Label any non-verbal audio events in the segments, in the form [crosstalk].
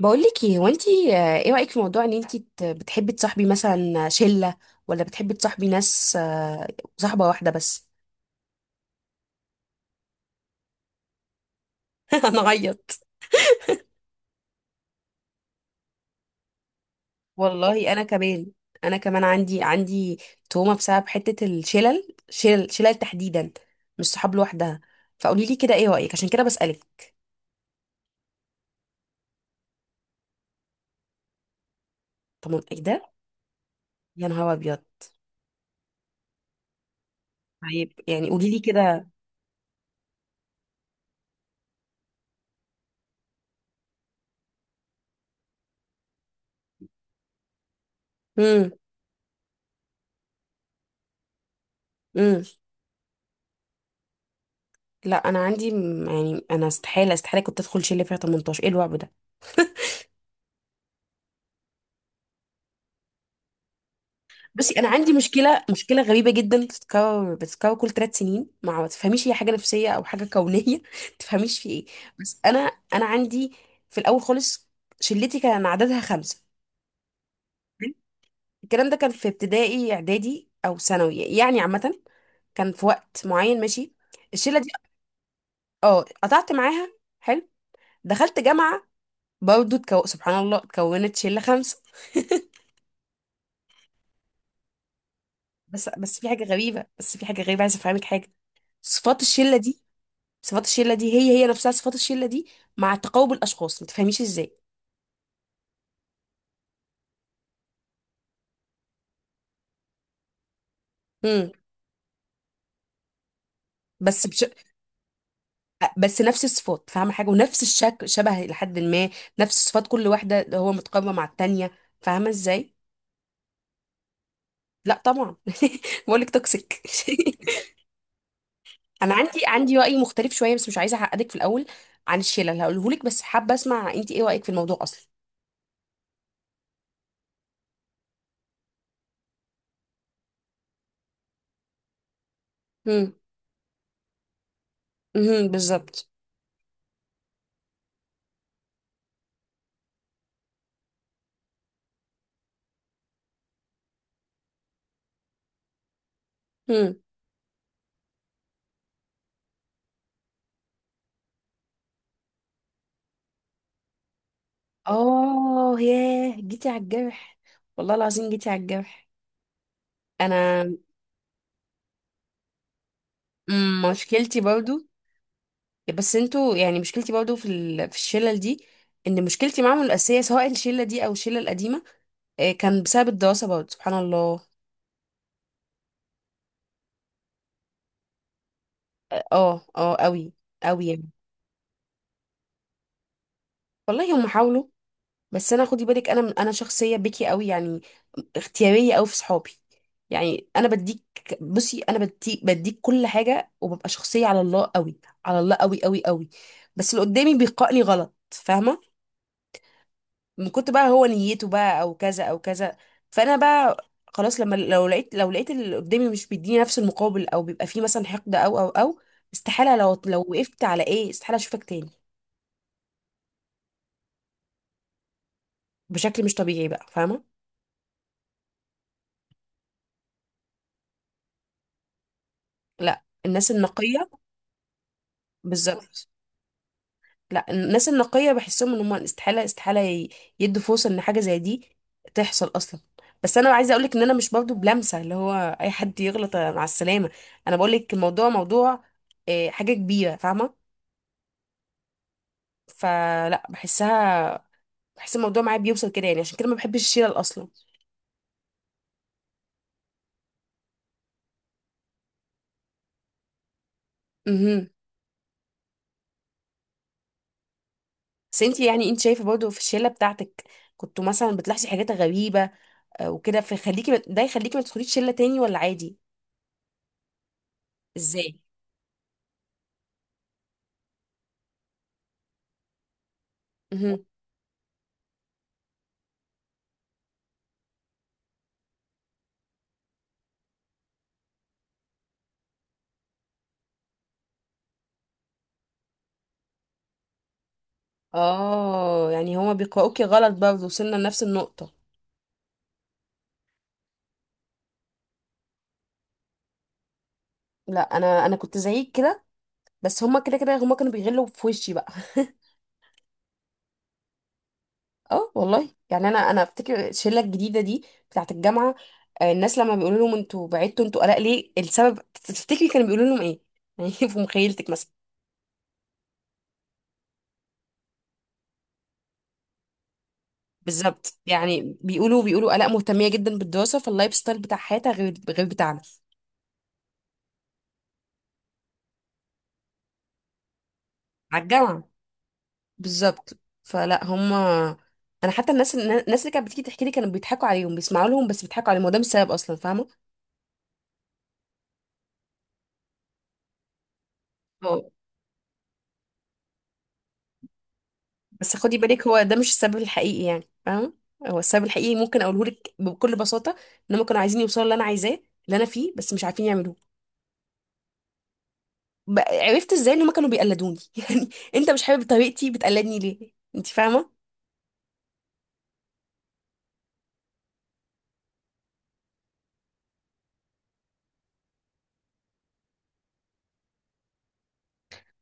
بقولك ايه هو انتي، ايه رأيك في موضوع ان انتي بتحبي تصاحبي مثلا شلة، ولا بتحبي تصاحبي ناس، صاحبة واحدة بس. [laughs] انا غيط. والله انا كمان. عندي تهمة بسبب حتة الشلل شلل شلل تحديدا، مش صحاب لوحدها. فقولي لي كده ايه رأيك، عشان كده بسألك. طب ايه ده؟ يا نهار ابيض. طيب يعني قولي لي كده. امم. امم. لا انا عندي يعني انا استحالة استحالة كنت ادخل شلة فيها 18. ايه الوعب ده؟ بصي، انا عندي مشكله غريبه جدا، بتتكرر كل 3 سنين. ما تفهميش هي حاجه نفسيه او حاجه كونيه، [laughs] ما تفهميش في ايه. بس انا. انا عندي في الاول خالص شلتي كان عددها 5. حلو؟ الكلام ده كان في ابتدائي، اعدادي او ثانوي، يعني عامه. كان في وقت معين، ماشي. الشله دي اه قطعت معاها. حلو. دخلت جامعه، برضه سبحان الله اتكونت شله 5. بس في حاجه غريبه. بس في حاجه غريبه، عايزه افهمك حاجه. صفات الشله دي. صفات الشله دي هي نفسها صفات الشله دي، مع تقارب الاشخاص، ما تفهميش ازاي. امم. بس بش... بس نفس الصفات، فاهمه حاجه، ونفس الشكل، شبه لحد ما نفس صفات كل واحده، اللي هو متقاربه مع التانيه. فاهمه ازاي؟ لا طبعا. [laughs] بقول لك توكسيك. [laughs] انا عندي راي مختلف شويه، بس مش عايزه اعقدك في الاول عن الشله اللي هقوله لك، بس حابه اسمع انت ايه رايك في الموضوع اصلا. امم. امم. بالظبط. امم. اه ياه، جيتي على الجرح. والله العظيم جيتي على الجرح. انا مشكلتي برضو. بس انتوا يعني، مشكلتي برضو في الشلل دي، ان مشكلتي معاهم الاساسيه، سواء الشله دي او الشله القديمه، كان بسبب الدراسه برضو سبحان الله. اه، اه قوي. قوي يعني. والله هم حاولوا، بس انا، خدي بالك، انا شخصيه بكي قوي يعني، اختياريه قوي في صحابي. يعني انا بديك. بصي انا بديك كل حاجه، وببقى شخصيه على الله قوي، على الله قوي قوي قوي. بس اللي قدامي بيقائني غلط، فاهمه، من كنت بقى هو نيته بقى او كذا او كذا. فانا بقى خلاص، لما لو لقيت اللي قدامي مش بيديني نفس المقابل، او بيبقى فيه مثلا حقد، او او او استحالة، لو وقفت على ايه، استحالة اشوفك تاني. بشكل مش طبيعي بقى، فاهمة. لا الناس النقية. بالظبط. لا الناس النقية بحسهم ان هم استحالة استحالة يدوا فرصة ان حاجة زي دي تحصل اصلا. بس انا عايزه اقولك ان انا مش برضو بلمسه اللي هو اي حد يغلط مع السلامه. انا بقولك الموضوع موضوع، حاجه كبيره، فاهمه، فلا بحسها. بحس الموضوع معايا بيوصل كده، يعني عشان كده ما بحبش الشلل اصلا. امم. بس انتي، يعني انت شايفه برضو في الشله بتاعتك كنتوا مثلا بتلاحظي حاجات غريبه، وكده، فيخليكي ده يخليكي ما تدخليش شله تاني، ولا عادي؟ ازاي؟ امم. اه، يعني هما بيقرأوكي غلط برضه، وصلنا لنفس النقطه. لا انا كنت زيك كده، بس هما كده كده، هما كانوا بيغلوا في وشي بقى. [laughs] اه والله، يعني انا افتكر الشله الجديده دي بتاعه الجامعه، الناس لما بيقولوا لهم انتوا بعدتوا، انتوا قلق ليه، السبب تفتكري كانوا بيقولوا لهم ايه؟ [laughs] يعني في مخيلتك مثلا. بالظبط، يعني بيقولوا قلق مهتميه جدا بالدراسه، فاللايف ستايل بتاع حياتها غير بتاعنا. على الجامعه. بالظبط، فلا هم. انا حتى الناس اللي كانت بتيجي تحكي لي كانوا بيضحكوا عليهم، بيسمعوا لهم بس بيضحكوا عليهم، وده مش السبب اصلا، فاهمه. بس خدي بالك، هو ده مش السبب الحقيقي يعني، فاهم. هو السبب الحقيقي ممكن اقوله لك بكل بساطه، ان هم كانوا عايزين يوصلوا اللي انا عايزاه، اللي انا فيه، بس مش عارفين يعملوه. عرفت ازاي ان هم كانوا بيقلدوني، [laughs] يعني انت مش حابب طريقتي، بتقلدني ليه انت، فاهمه.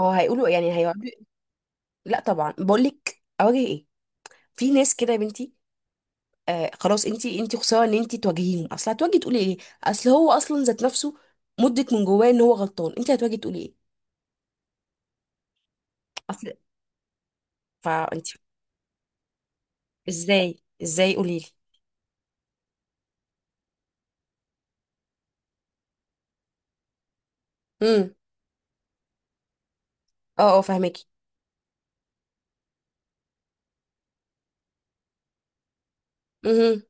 هو هيقولوا يعني هيقعدوا. لا طبعا، بقول لك اواجه ايه، في ناس كده يا بنتي. آه خلاص، انت انت خساره ان انت تواجهيهم، اصل هتواجهي تقولي ايه، اصل هو اصلا ذات نفسه مدرك من جواه ان هو غلطان، انت هتواجهي تقولي ايه. اصل. فانت. ازاي ازاي قولي لي. إمم. اه، اه فهمكي. امم.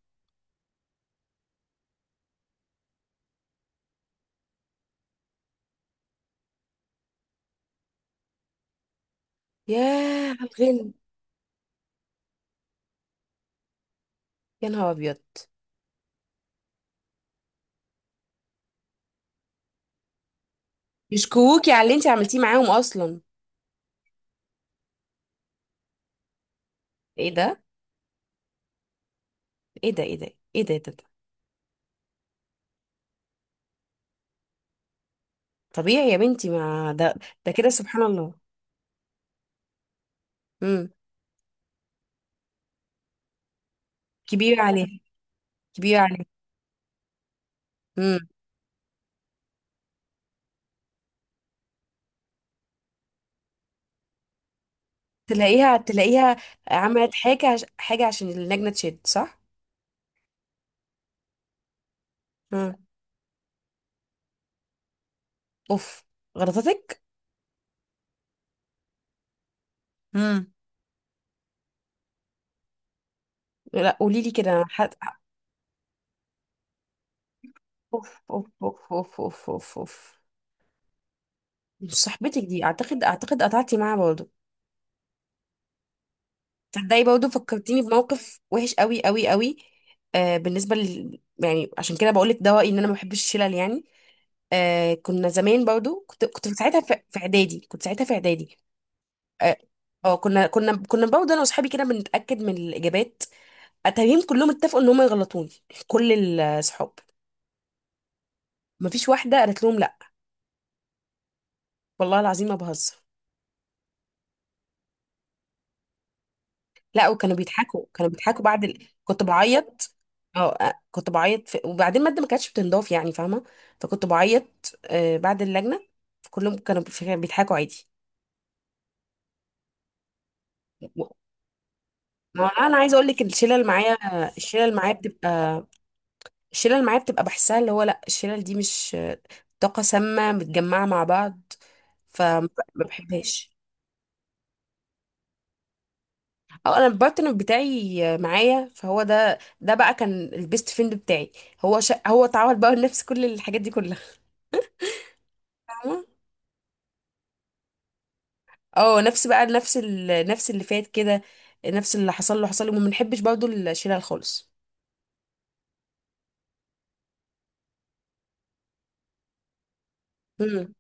ياه على الغن. يا نهار ابيض. يشكوكي على اللي انت عملتيه معاهم اصلا؟ ايه ده؟ ايه ده؟ ايه ده؟ ايه ده. طبيعي يا بنتي، ما ده. ده كده سبحان الله. امم. كبيره عليها. كبيره عليها. امم. تلاقيها عملت حاجه حاجه عشان اللجنه تشد، صح. امم. اوف. غلطتك. امم. لا قولي لي كده اوف اوف اوف اوف اوف اوف اوف. مش صاحبتك دي، اعتقد، اعتقد قطعتي معاها برضه. تصدقي برضه فكرتيني بموقف وحش قوي قوي قوي. آه، بالنسبه يعني عشان كده بقول لك ده رايي، ان انا ما بحبش الشلل يعني. آه، كنا زمان برضه، كنت ساعتها في اعدادي. كنت ساعتها في اعدادي. اه، كنا برضه انا واصحابي كده بنتاكد من الاجابات، اتاريهم كلهم اتفقوا ان هم يغلطوني، كل الصحاب، مفيش واحده قالت لهم لا. والله العظيم ما بهزر. لا وكانوا بيضحكوا، كانوا بيضحكوا بعد كنت بعيط. اه، كنت بعيط وبعدين المادة ما كانتش بتنضاف يعني، فاهمة. فكنت بعيط، آه، بعد اللجنة. كلهم كانوا بيضحكوا عادي. و- ما انا عايزه اقول لك الشله اللي معايا. الشله اللي معايا بتبقى الشله اللي معايا بتبقى بحسها، اللي هو لا، الشله دي مش طاقه سامه متجمعه مع بعض، فما بحبهاش. اه انا البارتنر بتاعي معايا، فهو ده بقى كان البيست فريند بتاعي. هو هو اتعود بقى لنفس كل الحاجات دي كلها. اه، نفس بقى نفس اللي فات كده، نفس اللي حصل له حصل له، وما بنحبش برضه الشلل خالص. مم.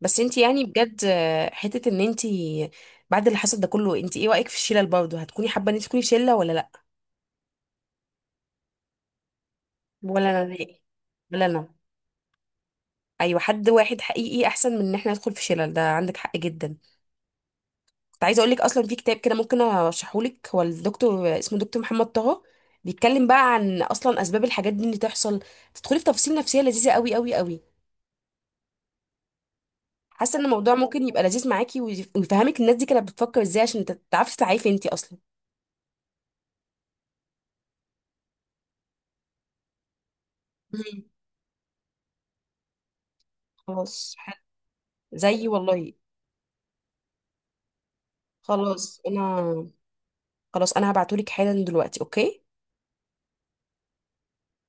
بس انت يعني بجد، حتة ان انت بعد اللي حصل ده كله، انت ايه رأيك في الشلل برضه، هتكوني حابة ان انت تكوني شلة ولا لا؟ ولا انا نهائي. ولا انا. ايوه، حد واحد حقيقي احسن من ان احنا ندخل في شلل، ده عندك حق جدا. كنت عايزه اقول لك اصلا في كتاب كده ممكن ارشحه لك، هو الدكتور اسمه دكتور محمد طه، بيتكلم بقى عن اصلا اسباب الحاجات دي اللي تحصل. تدخلي في تفاصيل نفسيه لذيذه قوي قوي قوي. حاسه ان الموضوع ممكن يبقى لذيذ معاكي، ويفهمك الناس دي كانت بتفكر ازاي، عشان تعرفي تسعي انتي اصلا. مم. خلاص حلو. زيي والله. خلاص انا. خلاص انا هبعتهولك حالا دلوقتي، اوكي.